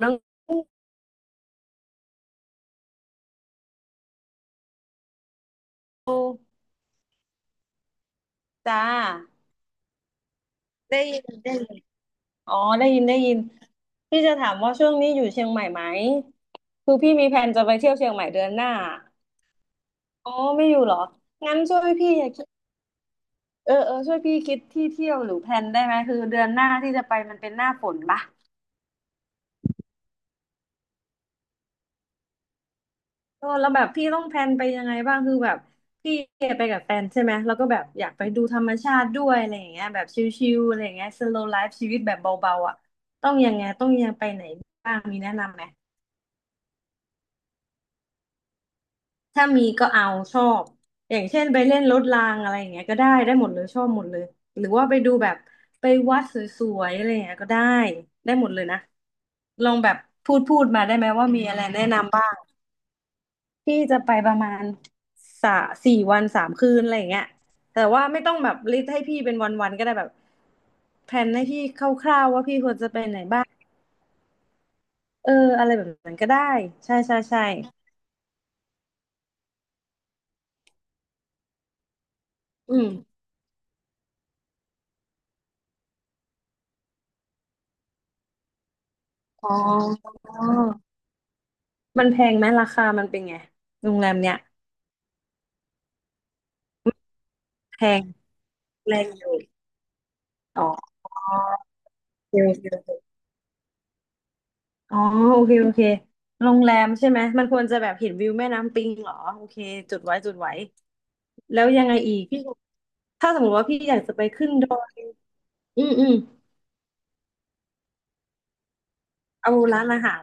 หน้องสือจ้าได้ยินได้ยินอ๋อได้ยินได้ยินพี่จะถามว่าช่วงนี้อยู่เชียงใหม่ไหมคือพี่มีแผนจะไปเที่ยวเชียงใหม่เดือนหน้าอ๋อไม่อยู่เหรองั้นช่วยพี่คิดเออช่วยพี่คิดที่เที่ยวหรือแผนได้ไหมคือเดือนหน้าที่จะไปมันเป็นหน้าฝนปะ เออแล้วแบบพี่ต้องแพลนไปยังไงบ้างคือแบบพี่ไปกับแฟนใช่ไหมแล้วก็แบบอยากไปดูธรรมชาติด้วยอะไรอย่างเงี้ยแบบชิลๆอะไรอย่างเงี้ย slow life ชีวิตแบบเบาๆอ่ะต้องยังไงต้องยังไปไหนบ้างมีแนะนำไหมถ้ามีก็เอาชอบอย่างเช่นไปเล่นรถรางอะไรอย่างเงี้ยก็ได้ได้หมดเลยชอบหมดเลยหรือว่าไปดูแบบไปวัดสวยๆอะไรอย่างเงี้ยก็ได้ได้หมดเลยนะลองแบบพูดมาได้ไหมว่ามีอะไรแนะนำบ้าง ที่จะไปประมาณสาสี่วันสามคืนอะไรอย่างเงี้ยแต่ว่าไม่ต้องแบบลิสต์ให้พี่เป็นวันๆก็ได้แบบแผนให้พี่คร่าวๆว่าพี่ควรจะไปไหนบ้างเอออะไรแบบนั้นก็ได้ใช่ใช่ใช่อืมอ๋อมันแพงไหมราคามันเป็นไงโรงแรมเนี้ยแพงแรงอยู่อ๋อโอเคโอเคอ๋อโอเคโอเคโรงแรมใช่ไหมมันควรจะแบบเห็นวิวแม่น้ำปิงเหรอโอเคจุดไว้จุดไว้ แล้วยังไงอีกพี่ถ้าสมมติว่าพี่อยากจะไปขึ้นดอยอืมอืมเอาร้านอาหาร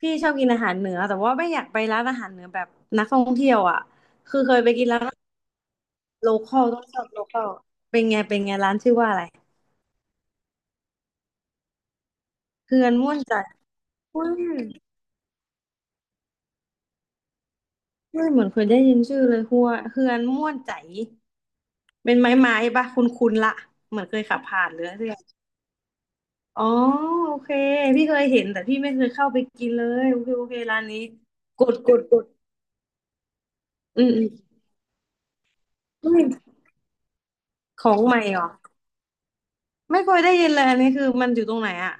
พี่ชอบกินอาหารเหนือแต่ว่าไม่อยากไปร้านอาหารเหนือแบบนักท่องเที่ยวอ่ะคือเคยไปกินร้านโลคอลต้องชอบโลคอลเป็นไงเป็นไงร้านชื่อว่าอะไรเฮือนม่วนใจอุ้ยอุ้ยเหมือนเคยได้ยินชื่อเลยหัวเฮือนม่วนใจเป็นไม้ปะคุณละเหมือนเคยขับผ่านหรืออะไรสักอย่างอ๋อโอเคพี่เคยเห็นแต่พี่ไม่เคยเข้าไปกินเลยโอเคโอเคร้านนี้กดกดกด อืมอืมของใหม่เหรอไม่เคยได้ยินเลยอันนี้คือมันอยู่ตรงไหนอะ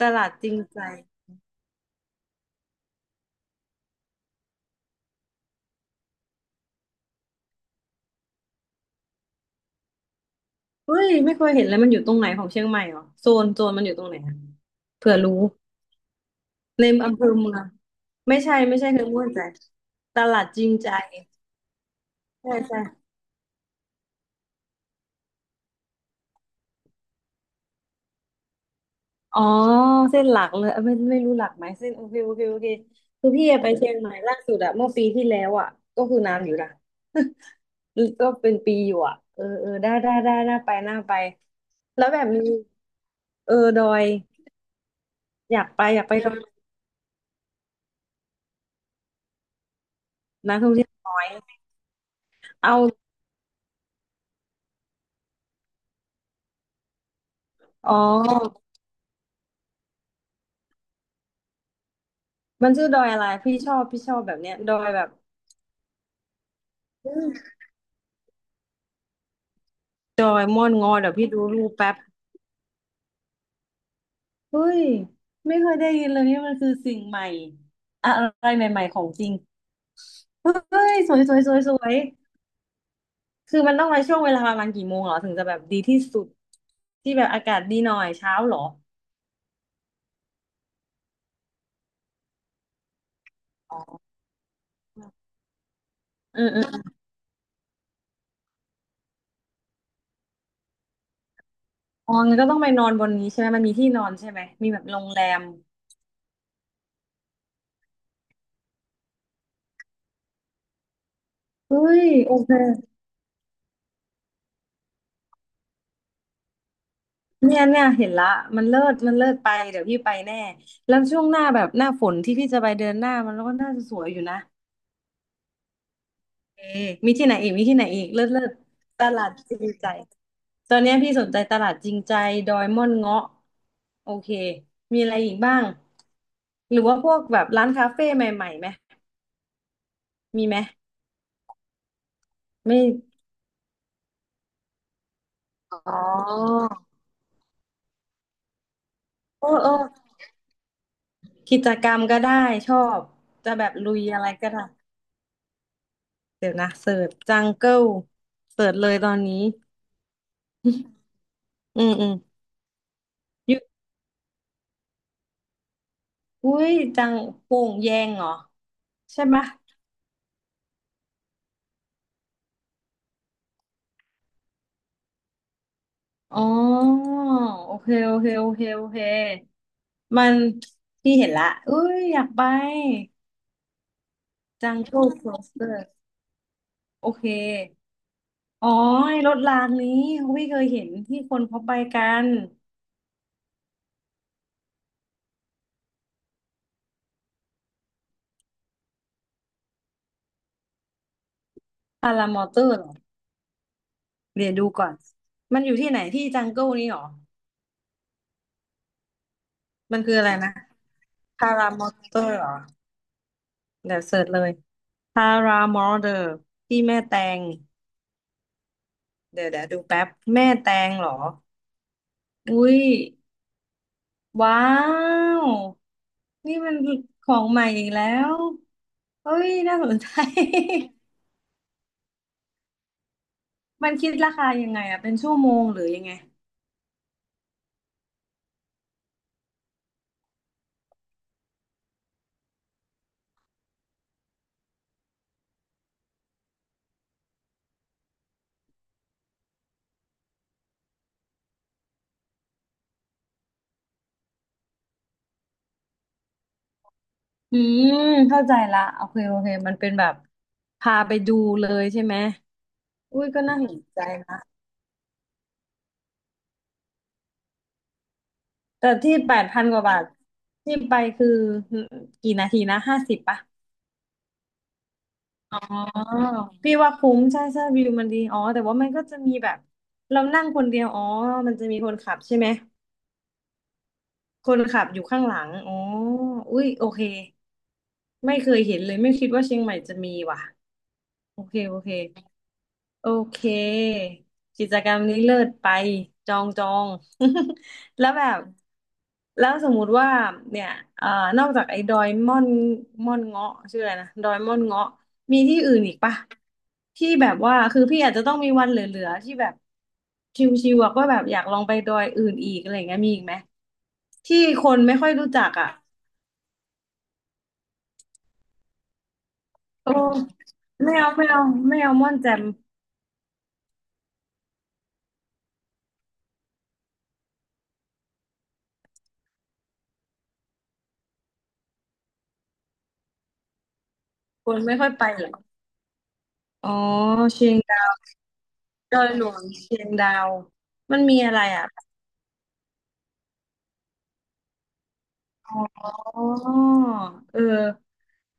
ตลาดจริงใจเฮ้ยไม่เคยเห็นเลยมันอยู่ตรงไหนของเชียงใหม่เหรอโซนโซนมันอยู่ตรงไหนอะเผื่อรู้ในอำเภอเมืองไม่ใช่ไม่ใช่คือม่วนใจตลาดจริงใจใช่ใช่ อ๋อเส้นหลักเลยเอ้ยไม่ไม่รู้หลักไหมเส้นโอเคโอเคโอเคคือพี่ไปเชียงใหม่ล่าสุดอะเมื่อปีที่แล้วอะก็คือนานอยู่นะ ก็เป็นปีอยู่อะเออเออได้ได้ได้น่าไปน่าไปแล้วแบบมีเออดอยอยากไปอยากไปดอยนักท่องเที่ยวน้อยเอาอ๋อมันชื่อดอยอะไรพี่ชอบพี่ชอบแบบเนี้ยดอยแบบอืมดอยม่อนงอเดี๋ยวพี่ดูรูปแป๊บเฮ้ยไม่เคยได้ยินเลยนี่มันคือสิ่งใหม่อะไรใหม่ๆของจริง เฮ้ยสวยสวยสวยสวยคือมันต้องมาช่วงเวลาประมาณกี่โมงเหรอถึงจะแบบดีที่สุดที่แบบอากาศดีหน่อยเช้าเหรอเออเอออ๋องั้นก็ต้องไปนอนบนนี้ใช่ไหมมันมีที่นอนใช่ไหมมีแบบโรงแรมเฮ้ยโอเคเนี่ยเนี่ยเห็นละมันเลิศมันเลิศไปเดี๋ยวพี่ไปแน่แล้วช่วงหน้าแบบหน้าฝนที่พี่จะไปเดือนหน้ามันก็น่าจะสวยอยู่นะเอมีที่ไหนอีกมีที่ไหนอีกเลิศเลิศตลาดจริใจ ตอนเนี้ยพี่สนใจตลาดจริงใจดอยม่อนเงาะโอเคมีอะไรอีกบ้างหรือว่าพวกแบบร้านคาเฟ่ใหม่ๆไหมมีไหมไม่อ๋อโอ้โอ้กิจกรรมก็ได้ชอบจะแบบลุยอะไรก็ได้เดี๋ยวนะเสิร์ชจังเกิลเสิร์ชเลยตอนนี้อืมอืมอยู่อุ้ยจังโป่งแยงเหรอใช่ไหมะอ๋อโอเคโอเคโอเคโอเคมันพี่เห็นละอุ้ยอยากไป จังเกิลครอสเตอร์โอเคอ๋อไอ้รถรางนี้พี่เคยเห็นที่คนเขาไปกันพารามอเตอร์เหรอเดี๋ยวดูก่อนมันอยู่ที่ไหนที่จังเกิลนี้เหรอมันคืออะไรนะพารามอเตอร์เหรอเดี๋ยวเสิร์ชเลยพารามอเตอร์ที่แม่แตงเดี๋ยวเดี๋ยวดูแป๊บแม่แตงเหรออุ้ยว้าวนี่มันของใหม่อีกแล้วเฮ้ยน่าสนใจ มันคิดราคายังไงอะเป็นชั่วโมงหรือยังไงอืมเข้าใจละโอเคโอเคมันเป็นแบบพาไปดูเลยใช่ไหมอุ้ยก็น่าสนใจนะแต่ที่แปดพันกว่าบาทที่ไปคือกี่นาทีนะห้าสิบปะอ๋อพี่ว่าคุ้มใช่ใช่วิวมันดีอ๋อแต่ว่ามันก็จะมีแบบเรานั่งคนเดียวอ๋อมันจะมีคนขับใช่ไหมคนขับอยู่ข้างหลังอ๋ออุ้ยโอเคไม่เคยเห็นเลยไม่คิดว่าเชียงใหม่จะมีว่ะโอเคโอเค โอเคกิจกรรมนี้เลิศไปจองจอง แล้วแบบแล้วสมมุติว่าเนี่ยเอ่อนอกจากไอ้ดอยม่อนม่อนเงาะชื่ออะไรนะดอยม่อนเงาะมีที่อื่นอีกปะที่แบบว่าคือพี่อาจจะต้องมีวันเหลือๆที่แบบชิวๆอะก็แบบอยากลองไปดอยอื่นอีกอะไรอย่างเงี้ยมีอีกไหมที่คนไม่ค่อยรู้จักอ่ะโอ้ไม่เอาไม่เอาไม่เอาม่อนแจ่มคนไม่ค่อยไปเหรออ๋อเชียง ดอยหลวงเชียงดาวมันมีอะไรอ่ะอ๋อเออ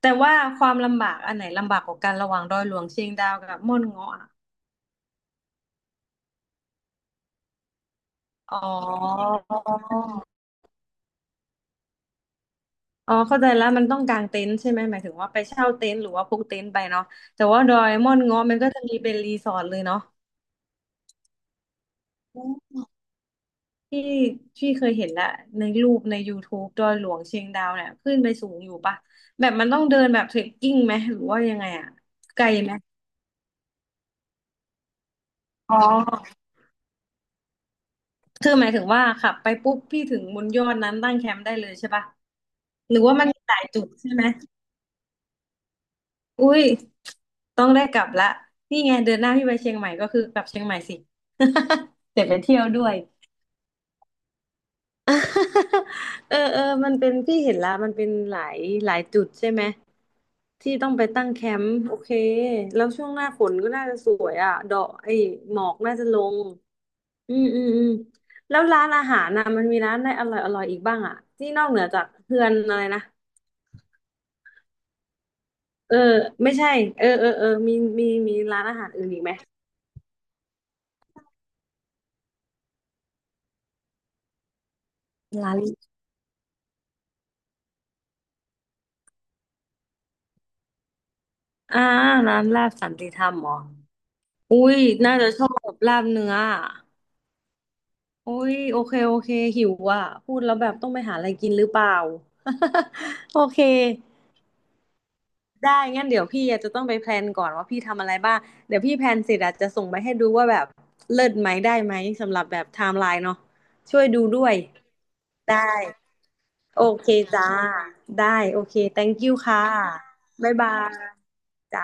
แต่ว่าความลำบากอันไหนลำบากกว่ากันระหว่างดอยหลวงเชียงดาวกับม่อนเงาะอะอ๋ออ๋อเข้าใจแล้วมันต้องกางเต็นท์ใช่ไหมหมายถึงว่าไปเช่าเต็นท์หรือว่าพกเต็นท์ไปเนาะแต่ว่าดอยม่อนเงาะมันก็จะมีเป็นรีสอร์ทเลยเนาะที่พี่เคยเห็นและในรูปในยูทูบ e ดอยหลวงเชียงดาวเนี่ยขึ้นไปสูงอยู่ปะแบบมันต้องเดินแบบเทรคกิ้งไหมหรือว่ายังไงอะไกลไหมอ๋อ คือหมายถึงว่าขับไปปุ๊บพี่ถึงบนยอดนั้นตั้งแคมป์ได้เลยใช่ปะหรือว่ามันมีหลายจุดใช่ไหมอุ้ยต้องได้กลับละนี่ไงเดือนหน้าพี่ไปเชียงใหม่ก็คือกลับเชียงใหม่สิ เดี๋ยวไปเที่ยวด้วย เออเออมันเป็นพี่เห็นละมันเป็นหลายจุดใช่ไหมที่ต้องไปตั้งแคมป์โอเคแล้วช่วงหน้าฝนก็น่าจะสวยอ่ะดอกไอ้หมอกน่าจะลง อืมอืมอืมแล้วร้านอาหารนะมันมีร้านอะไรอร่อยอร่อยอีกบ้างอ่ะที่นอกเหนือจากเฮือนอะไรนะเออไม่ใช่เออเออเออมีมีร้านอาหารอื่นอีกไหมร้านอ่าร้านลาบสันติธรรมเหรออุ้ยน่าจะชอบลาบเนื้ออะอุ้ยโอเคโอเคหิวอ่ะพูดแล้วแบบต้องไปหาอะไรกินหรือเปล่า โอเค ได้ งั้นเดี๋ยวพี่อาจจะต้องไปแพลนก่อนว่าพี่ทำอะไรบ้าง เดี๋ยวพี่แพลนเสร็จอาจจะส่งไปให้ดูว่าแบบเลิศไหมได้ไหมสำหรับแบบไทม์ไลน์เนาะช่วยดูด้วย ได้ โอเคจ้า ได้โอเค thank you ค่ะ บ๊ายบายจ้า